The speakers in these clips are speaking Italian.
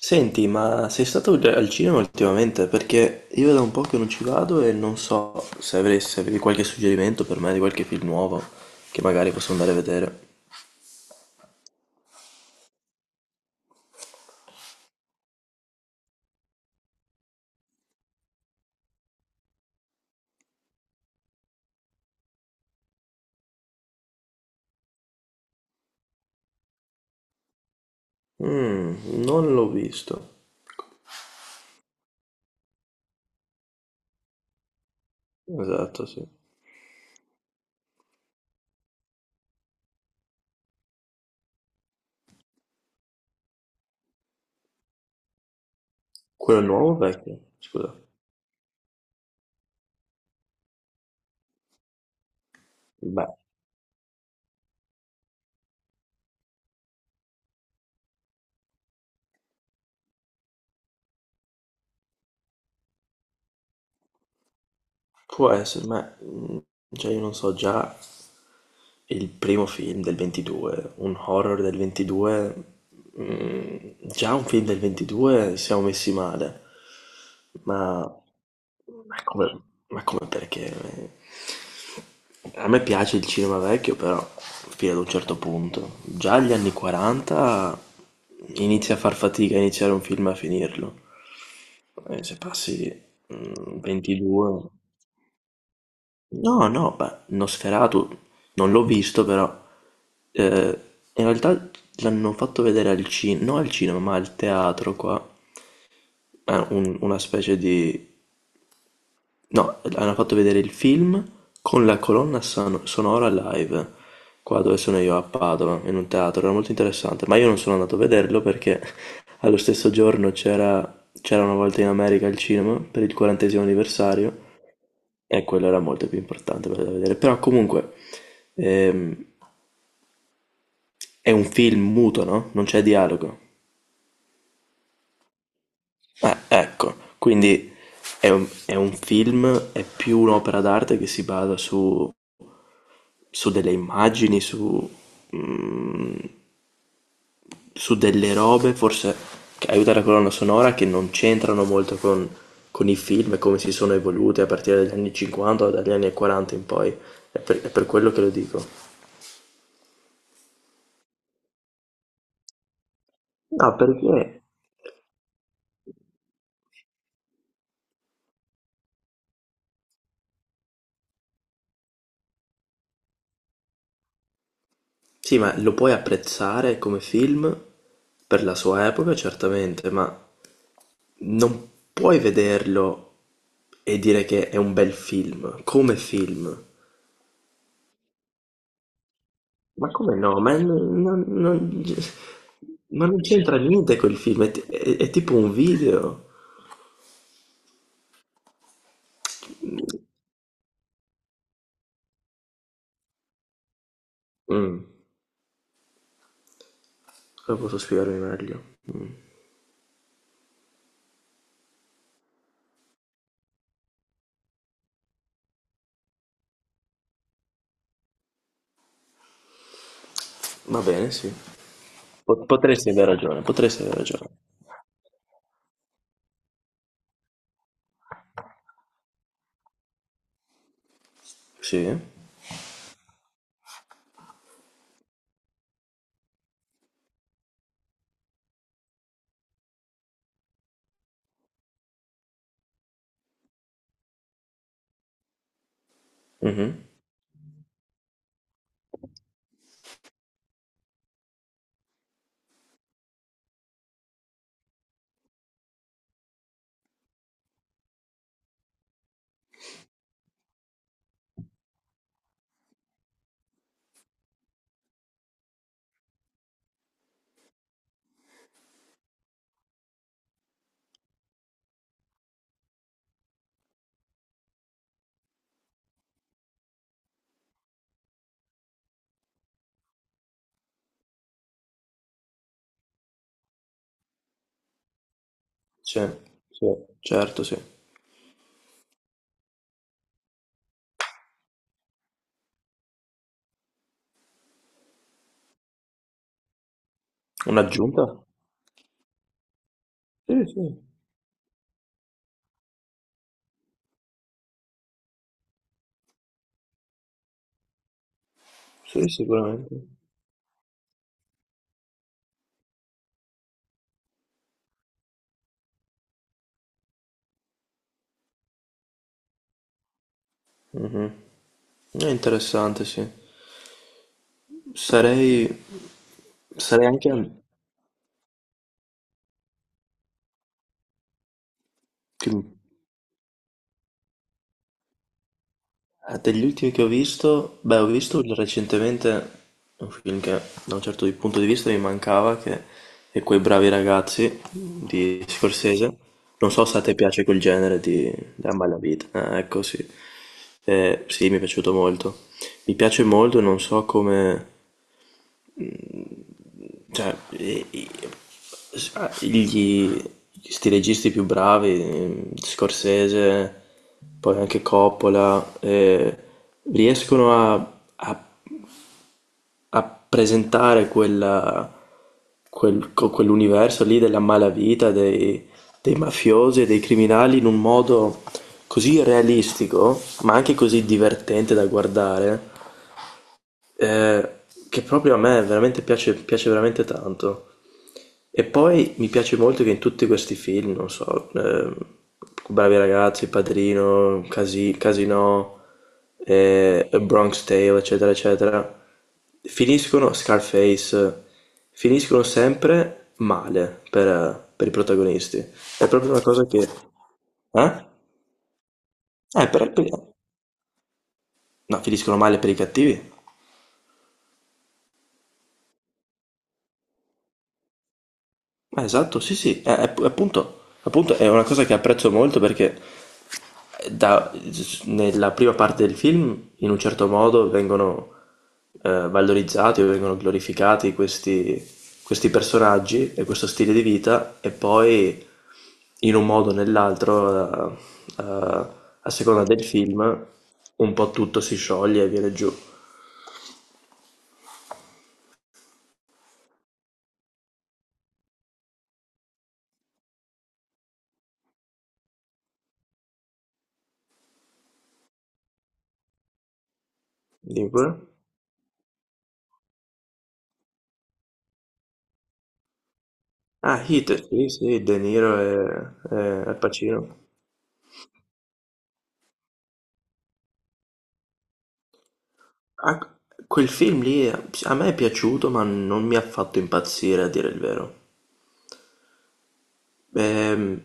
Senti, ma sei stato già al cinema ultimamente? Perché io da un po' che non ci vado e non so se se avevi qualche suggerimento per me di qualche film nuovo che magari posso andare a vedere. Mm, non l'ho visto. Esatto, sì. Quello nuovo o vecchio? Scusa. Beh, può essere, ma. Cioè, io non so, già il primo film del 22, un horror del 22, mm, già un film del 22 siamo messi male. Ma, ma come, ma come perché? A me piace il cinema vecchio, però fino ad un certo punto. Già agli anni 40 inizia a far fatica a iniziare un film e a finirlo. E se passi 22... No, no, beh, Nosferatu non l'ho visto però, eh, in realtà l'hanno fatto vedere al cinema, non al cinema ma al teatro qua. Una specie di... No, hanno fatto vedere il film con la colonna sonora live, qua dove sono io a Padova, in un teatro, era molto interessante, ma io non sono andato a vederlo perché allo stesso giorno c'era una volta in America al cinema per il quarantesimo anniversario, e quello era molto più importante quello da vedere. Però comunque ehm, è un film muto, no? Non c'è dialogo. Ecco, quindi è un film, è più un'opera d'arte che si basa su delle immagini, mm, su delle robe, forse, che aiuta la colonna sonora, che non c'entrano molto con i film e come si sono evoluti a partire dagli anni 50 o dagli anni 40 in poi. È per quello che lo dico. No, perché? Sì, ma lo puoi apprezzare come film per la sua epoca, certamente, ma non puoi vederlo e dire che è un bel film, come film. Ma come no? Ma non c'entra niente col film, è tipo un video. Mm, come posso spiegarmi meglio? Va bene, sì. Potresti aver ragione, potresti aver ragione. Sì. Mhm. Sì, sì, certo, sì. Un'aggiunta? Sì, sì, sì, sicuramente. Mhm. È interessante, sì. Sarei, sarei anche che- degli ultimi che ho visto. Beh, ho visto recentemente un film che da un certo punto di vista mi mancava, che è Quei bravi ragazzi di Scorsese. Non so se a te piace quel genere di, Ammalavita. Ah, ecco, sì. Sì, mi è piaciuto molto. Mi piace molto, non so come. Cioè, e- e- s- ah, gli, Sti registi più bravi, Scorsese, poi anche Coppola, riescono a presentare quell'universo lì della malavita, dei mafiosi e dei criminali in un modo così realistico, ma anche così divertente da guardare, eh, che proprio a me veramente piace, piace veramente tanto. E poi mi piace molto che in tutti questi film, non so, Bravi ragazzi, Padrino, Casino, A Bronx Tale, eccetera, eccetera, finiscono, Scarface, finiscono sempre male per i protagonisti. È proprio una cosa che... Eh? Eh, per, per- no, finiscono male per i cattivi. Esatto, sì, sì, appunto, appunto è una cosa che apprezzo molto perché eh, da- nella prima parte del film, in un certo modo, vengono valorizzati o vengono glorificati questi, questi personaggi e questo stile di vita, e poi in un modo o nell'altro, eh, a seconda del film, un po' tutto si scioglie e viene giù. Dimmi pure. Ah, Heat, sì, sì, De Niro e Al Pacino. Ah, quel film lì a me è piaciuto, ma non mi ha fatto impazzire a dire il vero. Ehm,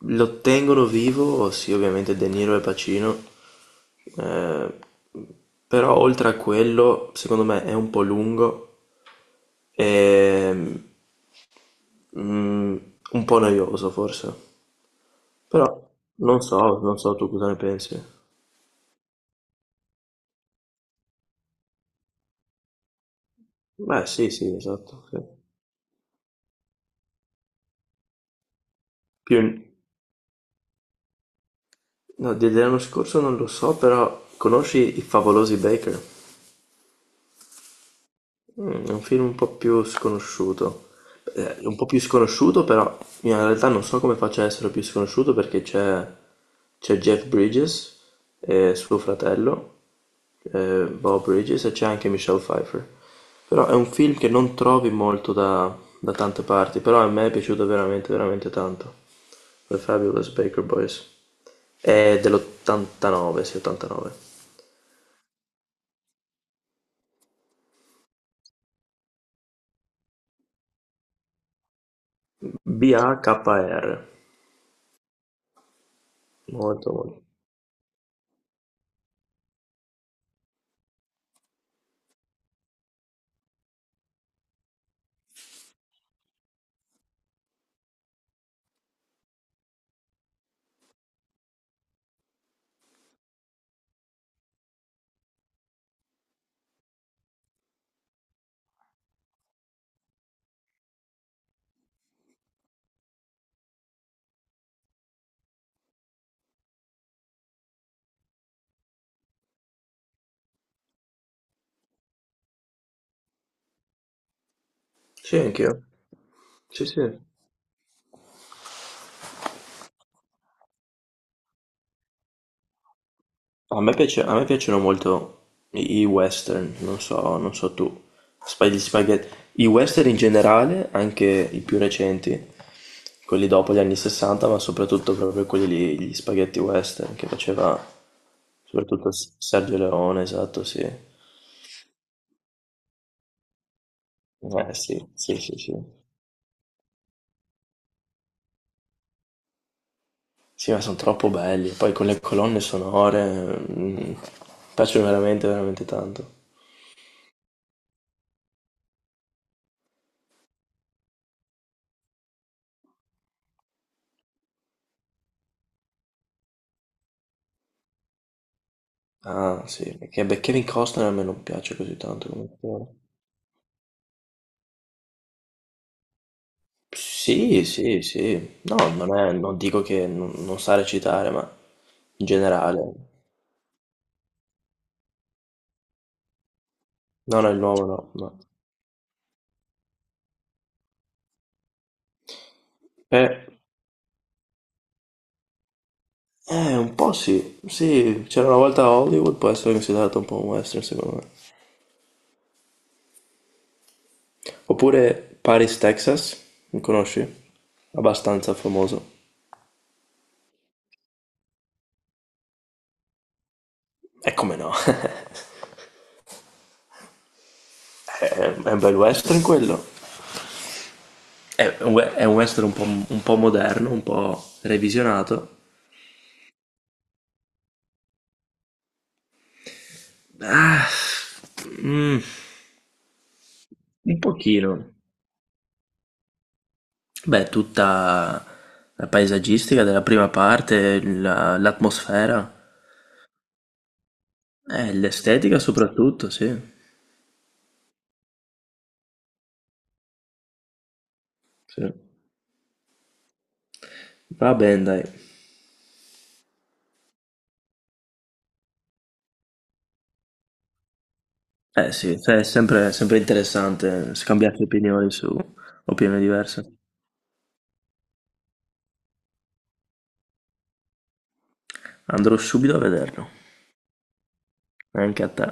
Lo tengono vivo, sì, ovviamente De Niro e Pacino. eh, Però oltre a quello, secondo me è un po' lungo e mm, un po' noioso forse. Però non so, non so tu cosa ne pensi. Beh, sì, sì, esatto, sì. Più. No, dell'anno scorso non lo so, però conosci I Favolosi Baker? Mm, è un film un po' più sconosciuto. Un po' più sconosciuto, però in realtà non so come faccia a essere più sconosciuto perché c'è Jeff Bridges e suo fratello, Bob Bridges, e c'è anche Michelle Pfeiffer. Però è un film che non trovi molto da, da tante parti, però a me è piaciuto veramente, veramente tanto. The Fabulous Baker Boys. È dell'89, sì, 89. BAKR, molto, molto. Sì, anch'io. Sì, sì. A me piacciono molto i western, non so, non so tu. Gli spaghetti. I western in generale, anche i più recenti, quelli dopo gli anni 60, ma soprattutto proprio quelli lì, gli spaghetti western che faceva soprattutto Sergio Leone, esatto, sì. Sì, sì, sì, sì. Sì, ma sono troppo belli. Poi con le colonne sonore piacciono veramente, veramente tanto. Ah, sì, perché beh, Kevin Costner a me non piace così tanto come attore. Sì, sì, sì. No, non dico che non sa recitare, ma in generale. No, no, il nuovo no, no. Eh, un po' sì. Sì, c'era una volta a Hollywood, può essere considerato un po' un western, secondo me. Oppure Paris, Texas, mi conosci? Abbastanza famoso. E come no? È un bel western quello. È un western un po' moderno, un po' revisionato. Ah, mm, un pochino. Beh, tutta la paesaggistica della prima parte, l'atmosfera, l'estetica soprattutto, sì. Sì. Va bene, dai. Eh sì, cioè, è sempre, sempre interessante scambiarsi opinioni su opinioni diverse. Andrò subito a vederlo, anche a te.